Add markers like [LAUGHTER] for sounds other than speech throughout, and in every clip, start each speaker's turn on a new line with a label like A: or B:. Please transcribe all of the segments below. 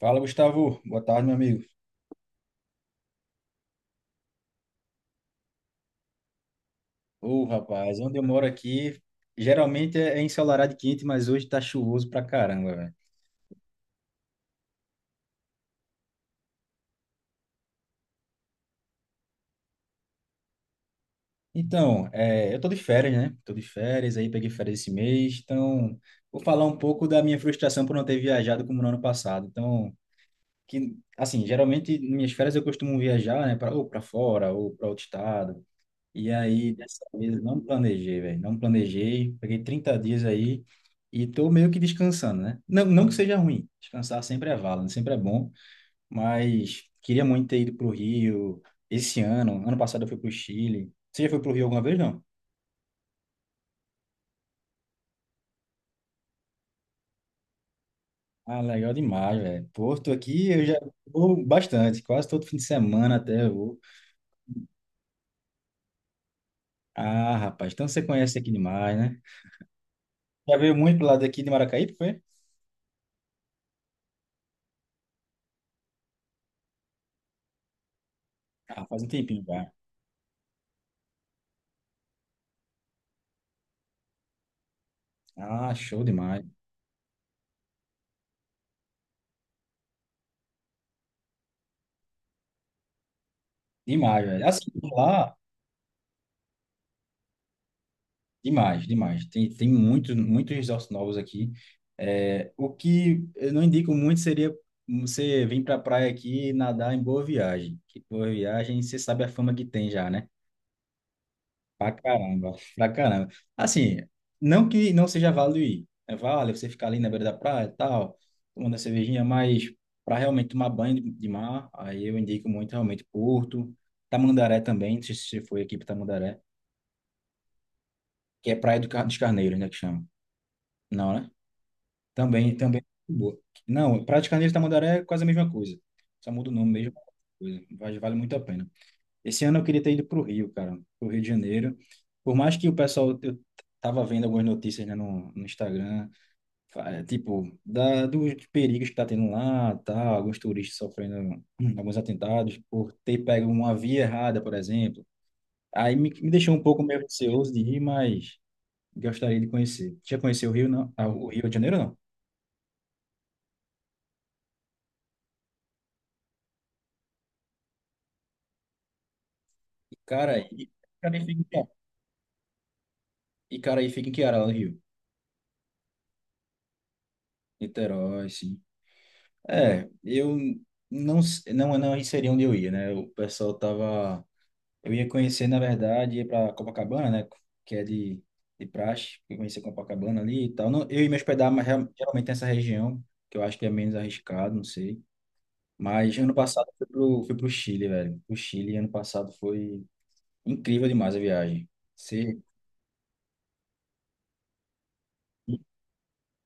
A: Fala, Gustavo. Boa tarde, meu amigo. Ô, rapaz, onde eu moro aqui, geralmente é ensolarado e quente, mas hoje tá chuvoso pra caramba, velho. Então, eu tô de férias, né? Tô de férias, aí peguei férias esse mês, então vou falar um pouco da minha frustração por não ter viajado como no ano passado. Então, que, assim, geralmente nas minhas férias eu costumo viajar, né, ou pra fora, ou pra outro estado. E aí, dessa vez, não planejei, velho. Não planejei. Peguei 30 dias aí e tô meio que descansando, né? Não, não que seja ruim. Descansar sempre é válido, sempre é bom. Mas queria muito ter ido pro Rio esse ano. Ano passado eu fui pro Chile. Você já foi pro Rio alguma vez, não? Ah, legal demais, velho. Porto aqui eu já vou bastante. Quase todo fim de semana até eu vou. Ah, rapaz. Então você conhece aqui demais, né? Já veio muito pro lado aqui de Maracaípe, foi? Ah, faz um tempinho já. Ah, show demais. Demais, velho. Assim, lá, demais, demais. Tem muitos, muitos resorts novos aqui. É, o que eu não indico muito seria você vir para a praia aqui e nadar em Boa Viagem. Que Boa Viagem, você sabe a fama que tem já, né? Pra caramba, pra caramba. Assim, não que não seja válido ir. É válido você ficar ali na beira da praia e tal, tomando a cervejinha, mas para realmente tomar banho de mar, aí eu indico muito realmente Porto, Tamandaré também, não sei se você foi aqui para Tamandaré. Que é Praia dos Carneiros, né, que chama. Não, né? Também é muito boa. Não, Praia dos Carneiros e Tamandaré é quase a mesma coisa. Só muda o nome mesmo. Coisa. Vale muito a pena. Esse ano eu queria ter ido para o Rio, cara, para o Rio de Janeiro. Por mais que o pessoal, eu tava vendo algumas notícias, né, no Instagram, tipo, dos perigos que tá tendo lá, tal, alguns turistas sofrendo alguns atentados por ter pego uma via errada, por exemplo. Aí me deixou um pouco meio receoso de ir, mas gostaria de conhecer. Já conheceu o Rio, não? Ah, o Rio de Janeiro, não? Icaraí. Icaraí fica em quê? Icaraí fica em que área lá no Rio? Niterói, sim. É, eu não, não, não aí seria onde eu ia, né? O pessoal tava. Eu ia conhecer, na verdade, ia pra Copacabana, né? Que é de praxe. Eu conhecer Copacabana ali e tal. Não, eu ia me hospedar, mas geralmente nessa região, que eu acho que é menos arriscado, não sei. Mas ano passado eu fui pro Chile, velho. O Chile ano passado foi incrível demais a viagem. Você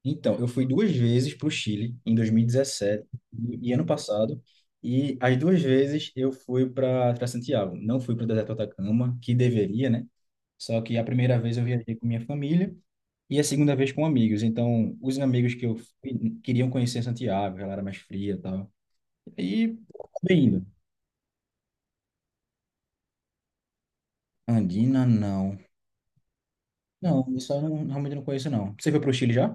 A: então, eu fui 2 vezes para o Chile, em 2017 e ano passado, e as 2 vezes eu fui para Santiago. Não fui para o deserto do Atacama, que deveria, né? Só que a primeira vez eu viajei com minha família e a segunda vez com amigos. Então, os amigos que eu fui queriam conhecer Santiago, ela era mais fria e tal. E acabei indo. Andina, não. Não, isso eu não, realmente não conheço, não. Você foi para o Chile já?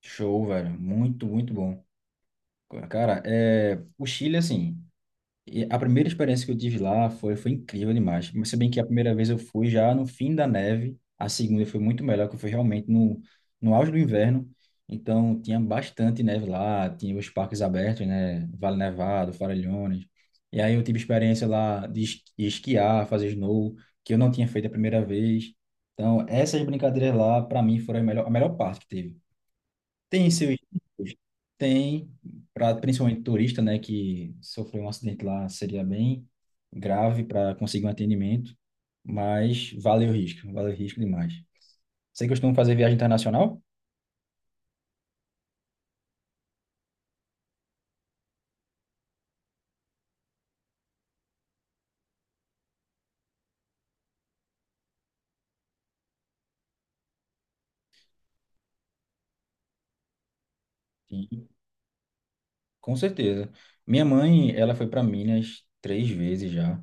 A: Show, velho. Muito, muito bom. Cara, o Chile, assim. E a primeira experiência que eu tive lá foi incrível demais. Mas se bem que a primeira vez eu fui já no fim da neve, a segunda foi muito melhor, que foi realmente no, no auge do inverno. Então tinha bastante neve lá, tinha os parques abertos, né? Vale Nevado, Faralhones. E aí eu tive experiência lá de esquiar, fazer snow, que eu não tinha feito a primeira vez. Então essas brincadeiras lá, para mim, foram a melhor parte que teve. Tem seus riscos? Tem, principalmente turista, né, que sofreu um acidente lá, seria bem grave para conseguir um atendimento, mas vale o risco demais. Você costuma fazer viagem internacional? Sim, com certeza. Minha mãe, ela foi para Minas 3 vezes já,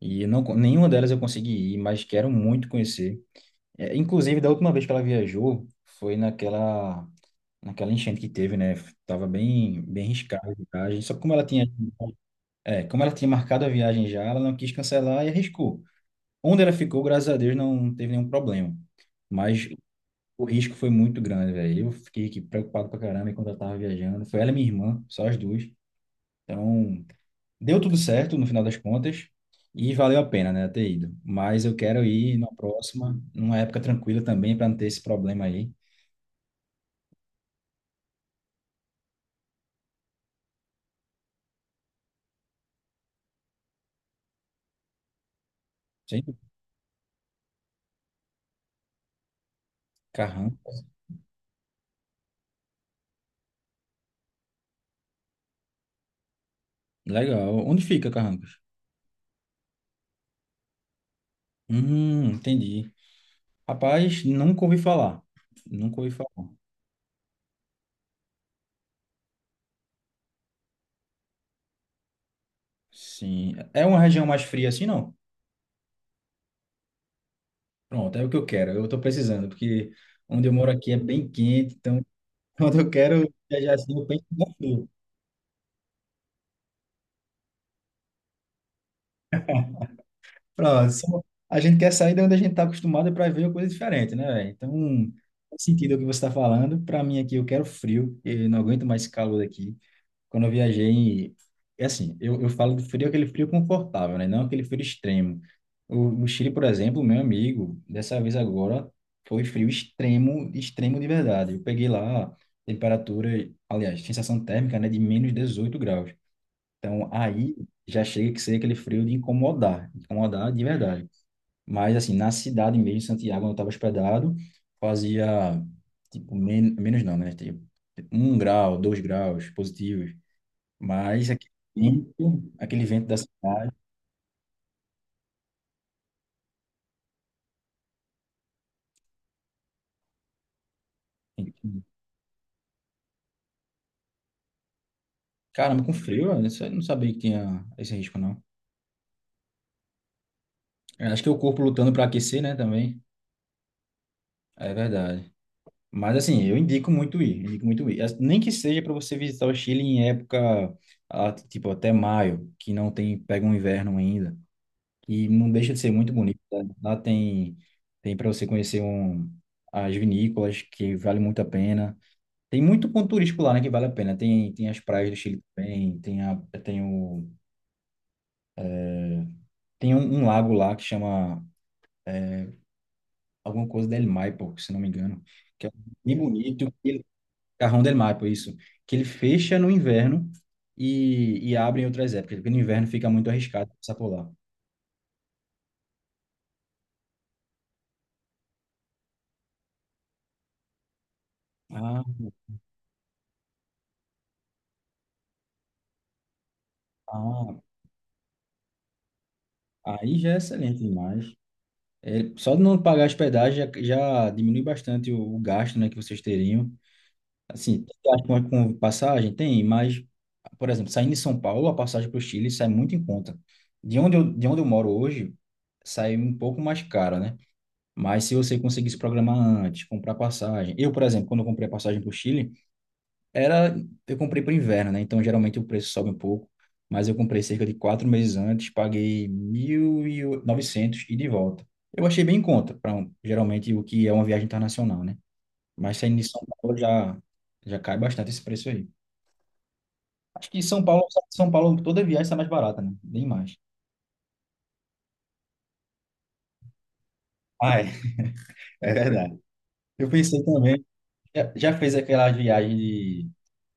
A: e não, nenhuma delas eu consegui ir, mas quero muito conhecer. É, inclusive, da última vez que ela viajou, foi naquela enchente que teve, né? Tava bem, bem riscada a viagem, só que como ela tinha é, como ela tinha marcado a viagem já, ela não quis cancelar e arriscou. Onde ela ficou, graças a Deus, não teve nenhum problema. Mas o risco foi muito grande, velho. Eu fiquei aqui preocupado pra caramba enquanto eu tava viajando. Foi ela e minha irmã, só as duas. Então, deu tudo certo no final das contas e valeu a pena, né, ter ido. Mas eu quero ir na próxima, numa época tranquila também, para não ter esse problema aí. Gente, Carrancas. Legal. Onde fica Carrancas? Entendi. Rapaz, nunca ouvi falar. Nunca ouvi falar. Sim. É uma região mais fria assim, não? Pronto, é o que eu quero. Eu estou precisando, porque onde eu moro aqui é bem quente, então [LAUGHS] quando eu quero viajar assim, eu penso no frio. Pronto, a gente quer sair de onde a gente está acostumado para ver uma coisa diferente, né, velho? Então, faz sentido o que você está falando. Para mim aqui, eu quero frio, eu não aguento mais esse calor aqui. Quando eu viajei, é assim, eu falo do frio, aquele frio confortável, né? Não aquele frio extremo. No Chile, por exemplo, meu amigo, dessa vez agora, foi frio extremo, extremo de verdade. Eu peguei lá temperatura, aliás, sensação térmica, né, de -18 graus. Então, aí já chega que ser aquele frio de incomodar, incomodar de verdade. Mas, assim, na cidade mesmo, em Santiago, onde eu estava hospedado, fazia, tipo, menos não, né? Tipo, 1 grau, 2 graus positivos. Mas aquele vento da cidade. Enfim. Caramba, com frio, eu não sabia que tinha esse risco, não. Eu acho que é o corpo lutando para aquecer, né, também. É verdade. Mas assim, eu indico muito ir, indico muito ir. Nem que seja para você visitar o Chile em época, ah, tipo, até maio, que não tem, pega um inverno ainda. E não deixa de ser muito bonito, né? Lá tem para você conhecer as vinícolas, que vale muito a pena. Tem muito ponto turístico lá, né, que vale a pena. Tem as praias do Chile também, tem, a, tem, o, tem um lago lá que chama alguma coisa del Maipo, se não me engano, que é um bem bonito, ele, Cajón del Maipo, isso, que ele fecha no inverno e abre em outras épocas, porque no inverno fica muito arriscado passar por lá. Ah, ah, aí já é excelente demais. É, só de não pagar hospedagem já, já diminui bastante o gasto, né, que vocês teriam. Assim, tem acho que uma com passagem tem, mas, por exemplo, saindo de São Paulo, a passagem para o Chile sai muito em conta. De onde eu moro hoje, sai um pouco mais cara, né? Mas se você conseguisse programar antes, comprar passagem. Eu, por exemplo, quando eu comprei a passagem para o Chile, era, eu comprei para o inverno, né? Então, geralmente o preço sobe um pouco, mas eu comprei cerca de 4 meses antes, paguei 1.900 e de volta. Eu achei bem em conta, para geralmente o que é uma viagem internacional, né? Mas saindo de São Paulo já, já cai bastante esse preço aí. Acho que São Paulo, toda viagem está mais barata, né? Bem mais. Ah, é verdade. Eu pensei também. Já fez aquela viagem de,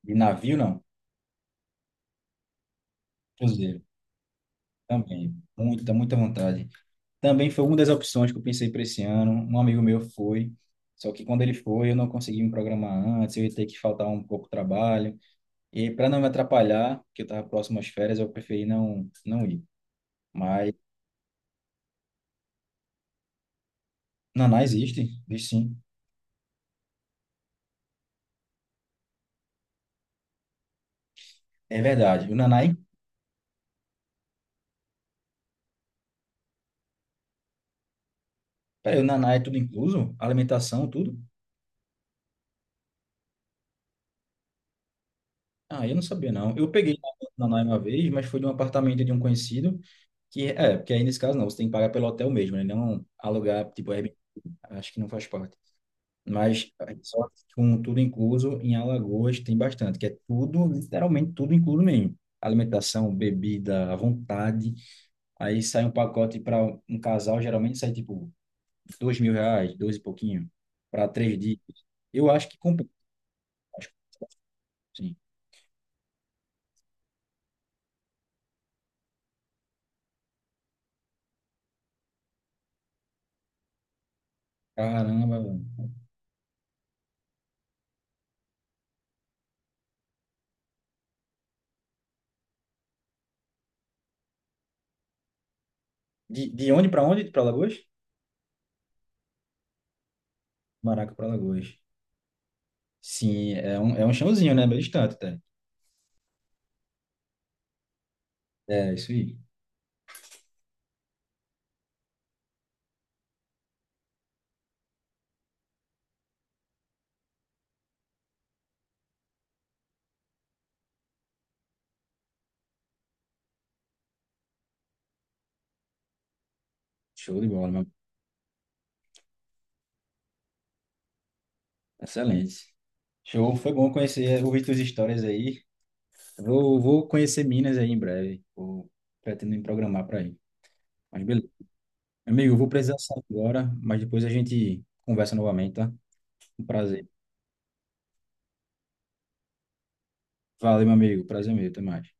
A: de navio, não? Cruzeiro. Também. Muita, muita vontade. Também foi uma das opções que eu pensei para esse ano. Um amigo meu foi. Só que quando ele foi, eu não consegui me programar antes, eu ia ter que faltar um pouco de trabalho. E para não me atrapalhar, que eu estava próximo às férias, eu preferi não, não ir. Mas Naná existe, existe sim. É verdade. O Nanai, peraí, o Nanai é tudo incluso? Alimentação, tudo? Ah, eu não sabia não. Eu peguei o Nanai uma vez, mas foi de um apartamento de um conhecido, que é, porque aí nesse caso não, você tem que pagar pelo hotel mesmo, né? Não alugar, tipo, Airbnb, acho que não faz parte. Mas é, só com tudo incluso em Alagoas tem bastante, que é tudo, literalmente tudo incluso mesmo. Alimentação, bebida, à vontade. Aí sai um pacote para um casal, geralmente sai tipo R$ 2.000, dois e pouquinho, para 3 dias. Eu acho que compensa. Sim. Caramba, velho. De onde? Pra Lagoas? Maraca pra Lagoas. Sim, é um chãozinho, né? Bem distante, até. É, isso aí. Show de bola, meu. Excelente. Show, foi bom conhecer, ouvir tuas histórias aí. Vou conhecer Minas aí em breve. Pretendo me programar para ir. Mas beleza. Amigo, eu vou precisar sair agora, mas depois a gente conversa novamente, tá? Um prazer. Valeu, meu amigo. Prazer meu. Até mais.